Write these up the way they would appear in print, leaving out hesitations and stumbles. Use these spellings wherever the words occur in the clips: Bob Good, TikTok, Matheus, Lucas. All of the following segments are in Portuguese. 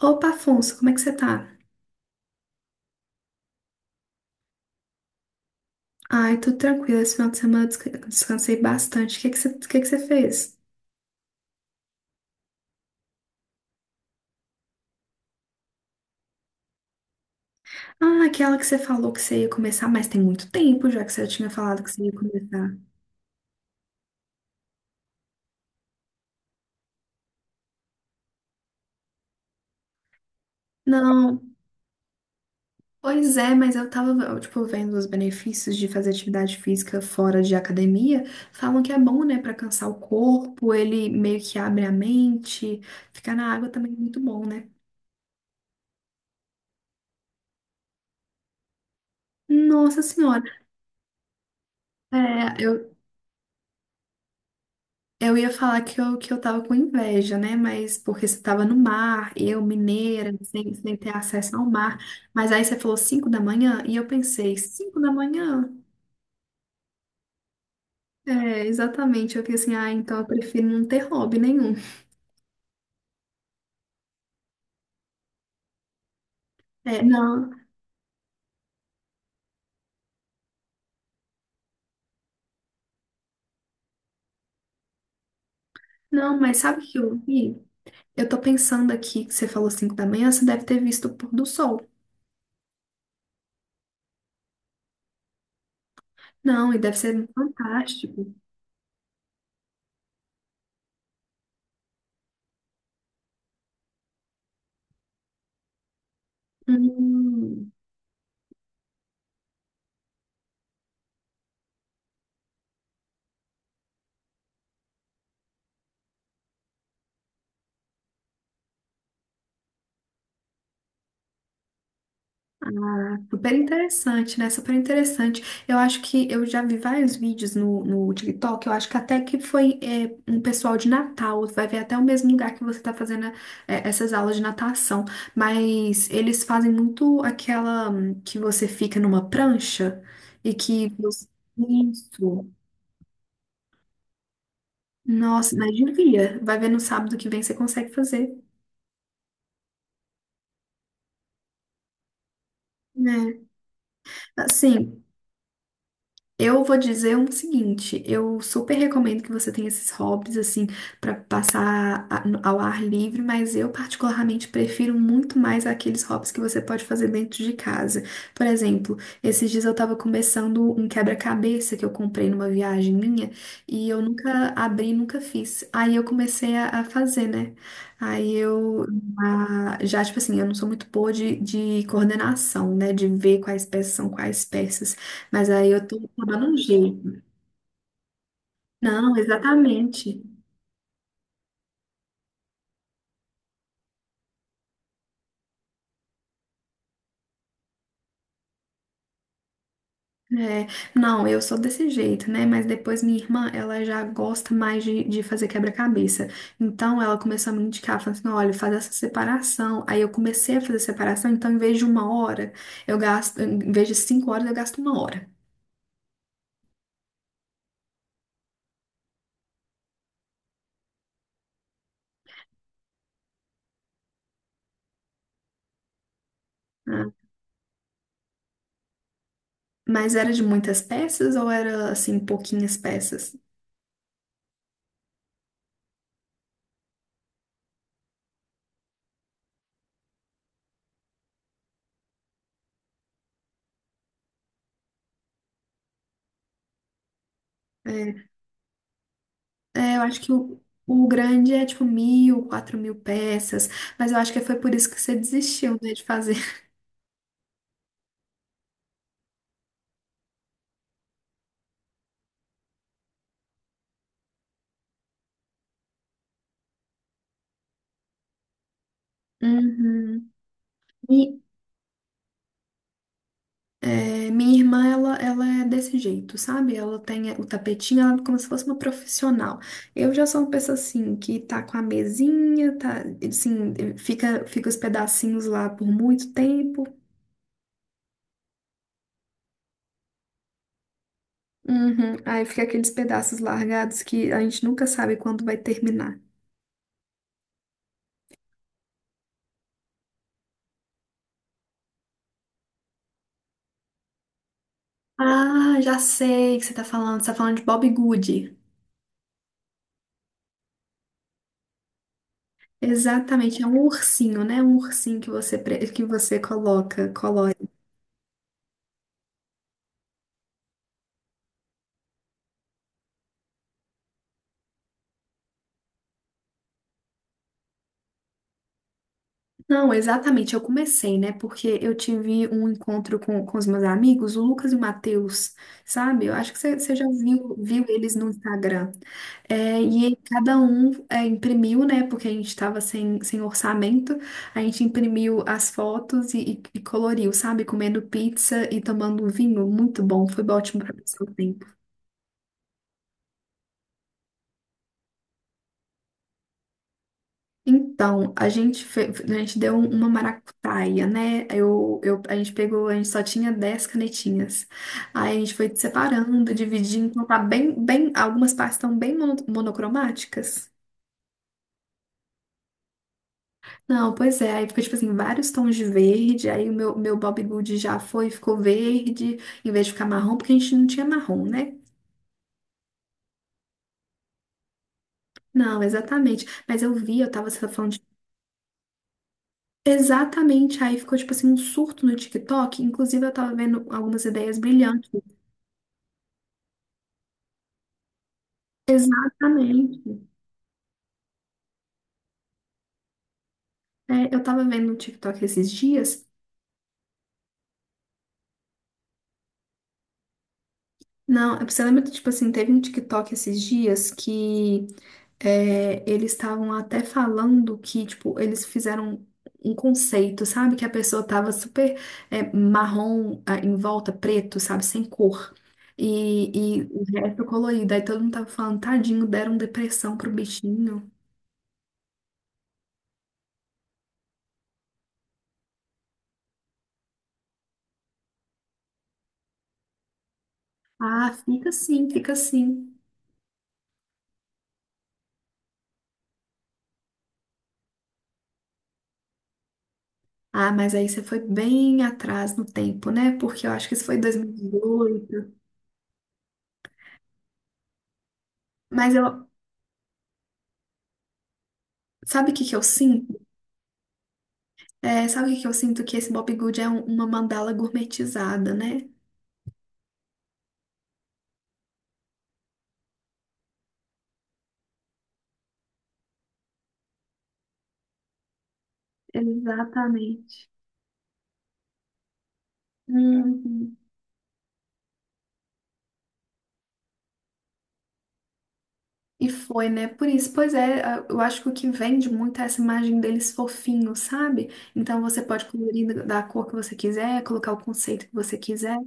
Opa, Afonso, como é que você tá? Ai, tudo tranquilo. Esse final de semana eu descansei bastante. O que é que você, o que é que você fez? Ah, aquela que você falou que você ia começar, mas tem muito tempo já que você tinha falado que você ia começar. Não, pois é, mas eu tava, tipo, vendo os benefícios de fazer atividade física fora de academia. Falam que é bom, né, pra cansar o corpo, ele meio que abre a mente. Ficar na água também é muito bom, né? Nossa Senhora, é, eu, Eu ia falar que eu tava com inveja, né? Mas porque você tava no mar, eu mineira, sem ter acesso ao mar. Mas aí você falou 5 da manhã e eu pensei, 5 da manhã? É, exatamente. Eu fiquei assim, ah, então eu prefiro não ter hobby nenhum. É, não, mas sabe o que eu vi? Eu tô pensando aqui que você falou 5 da manhã, você deve ter visto o pôr do sol. Não, e deve ser fantástico. Hum. Super interessante, né? Super interessante. Eu acho que eu já vi vários vídeos no TikTok. Eu acho que até que foi um pessoal de Natal. Vai ver até o mesmo lugar que você tá fazendo, é, essas aulas de natação. Mas eles fazem muito aquela que você fica numa prancha e que você... Isso. Nossa, mas devia. Vai ver no sábado que vem você consegue fazer. Né? Assim, eu vou dizer o seguinte, eu super recomendo que você tenha esses hobbies assim pra passar a- no- ao ar livre, mas eu particularmente prefiro muito mais aqueles hobbies que você pode fazer dentro de casa. Por exemplo, esses dias eu tava começando um quebra-cabeça que eu comprei numa viagem minha e eu nunca abri, nunca fiz. Aí eu comecei a fazer, né? Aí eu, ah, já, tipo assim, eu não sou muito boa de coordenação, né? De ver quais peças são quais peças. Mas aí eu tô dando um jeito. Não, exatamente. É, não, eu sou desse jeito, né? Mas depois minha irmã, ela já gosta mais de fazer quebra-cabeça. Então ela começou a me indicar, falando assim: olha, faz essa separação. Aí eu comecei a fazer separação, então em vez de uma hora, eu gasto, em vez de cinco horas, eu gasto uma hora. Né? Mas era de muitas peças ou era assim, pouquinhas peças? É, É, eu acho que o grande é tipo mil, quatro mil peças, mas eu acho que foi por isso que você desistiu, né, de fazer. Uhum. E, é, minha irmã, ela é desse jeito, sabe? Ela tem o tapetinho, ela é como se fosse uma profissional. Eu já sou uma pessoa assim, que tá com a mesinha, tá, assim, fica os pedacinhos lá por muito tempo. Uhum. Aí fica aqueles pedaços largados que a gente nunca sabe quando vai terminar. Ah, já sei o que você tá falando. Você tá falando de Bob Good. Exatamente, é um ursinho, né? Um ursinho que você, que você coloca, colore. Não, exatamente, eu comecei, né? Porque eu tive um encontro com os meus amigos, o Lucas e o Matheus, sabe? Eu acho que você já viu, viu eles no Instagram. É, e aí cada um, é, imprimiu, né? Porque a gente estava sem orçamento, a gente imprimiu as fotos e, e coloriu, sabe? Comendo pizza e tomando vinho, muito bom, foi ótimo para passar tempo. Então, a gente deu uma maracutaia, né? A gente pegou, a gente só tinha 10 canetinhas. Aí a gente foi separando, dividindo, então tá algumas partes estão bem monocromáticas. Não, pois é, aí ficou tipo assim, vários tons de verde, aí meu Bob Good ficou verde, em vez de ficar marrom, porque a gente não tinha marrom, né? Não, exatamente. Mas eu vi, eu tava, você tá falando de... Exatamente, aí ficou tipo assim um surto no TikTok. Inclusive, eu tava vendo algumas ideias brilhantes. Exatamente. É, eu tava vendo um TikTok esses dias. Não, é, você lembra que, tipo assim, teve um TikTok esses dias que, é, eles estavam até falando que, tipo, eles fizeram um conceito, sabe? Que a pessoa tava super, é, marrom, ah, em volta, preto, sabe? Sem cor. E o resto colorido. Aí todo mundo tava falando, tadinho, deram depressão pro bichinho. Ah, fica assim, fica assim. Ah, mas aí você foi bem atrás no tempo, né? Porque eu acho que isso foi 2018. Mas eu, sabe o que que eu sinto? É, sabe o que que eu sinto? Que esse Bob Good é uma mandala gourmetizada, né? Exatamente. Uhum. E foi, né? Por isso, pois é, eu acho que o que vende muito é essa imagem deles fofinhos, sabe? Então você pode colorir da cor que você quiser, colocar o conceito que você quiser.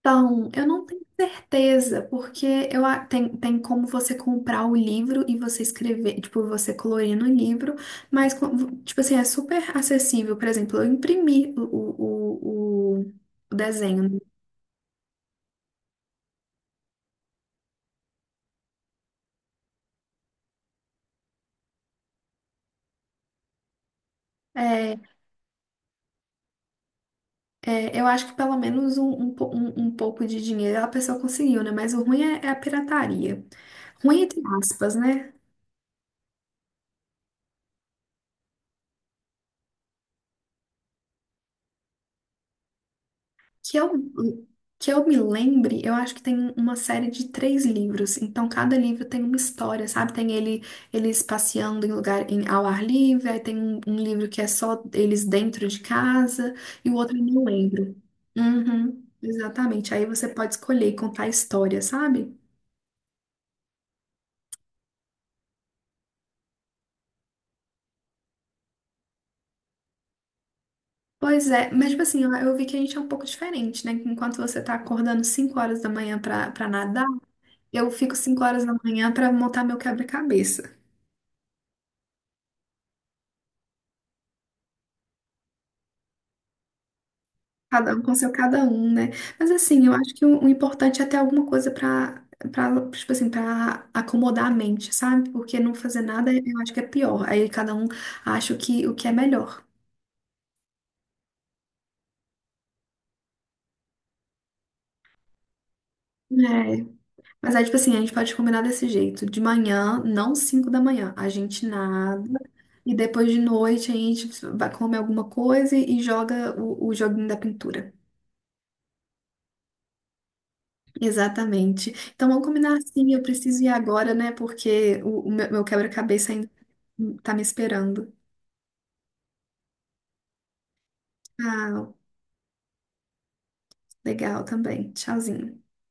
Então, eu não tenho certeza, porque tem, tem como você comprar o livro e você escrever, tipo, você colorir no livro, mas, tipo assim, é super acessível. Por exemplo, eu imprimi o desenho. Né? É, é, eu acho que pelo menos um pouco de dinheiro a pessoa conseguiu, né? Mas o ruim é, é a pirataria. Ruim entre aspas, né? Que eu, que eu me lembre, eu acho que tem uma série de três livros. Então, cada livro tem uma história, sabe? Tem ele, eles passeando ao ar livre, aí tem um livro que é só eles dentro de casa, e o outro eu não lembro. Uhum, exatamente. Aí você pode escolher e contar a história, sabe? Pois é, mas tipo assim, eu vi que a gente é um pouco diferente, né? Enquanto você tá acordando 5 horas da manhã pra nadar, eu fico 5 horas da manhã pra montar meu quebra-cabeça. Cada um com seu cada um, né? Mas assim, eu acho que o importante é ter alguma coisa tipo assim, pra acomodar a mente, sabe? Porque não fazer nada eu acho que é pior. Aí cada um acha o que é melhor. É. Mas aí, tipo assim, a gente pode combinar desse jeito. De manhã, não 5 da manhã, a gente nada. E depois de noite a gente vai comer alguma coisa e joga o joguinho da pintura. Exatamente. Então vamos combinar assim, eu preciso ir agora, né? Porque meu quebra-cabeça ainda tá me esperando. Ah, legal também. Tchauzinho.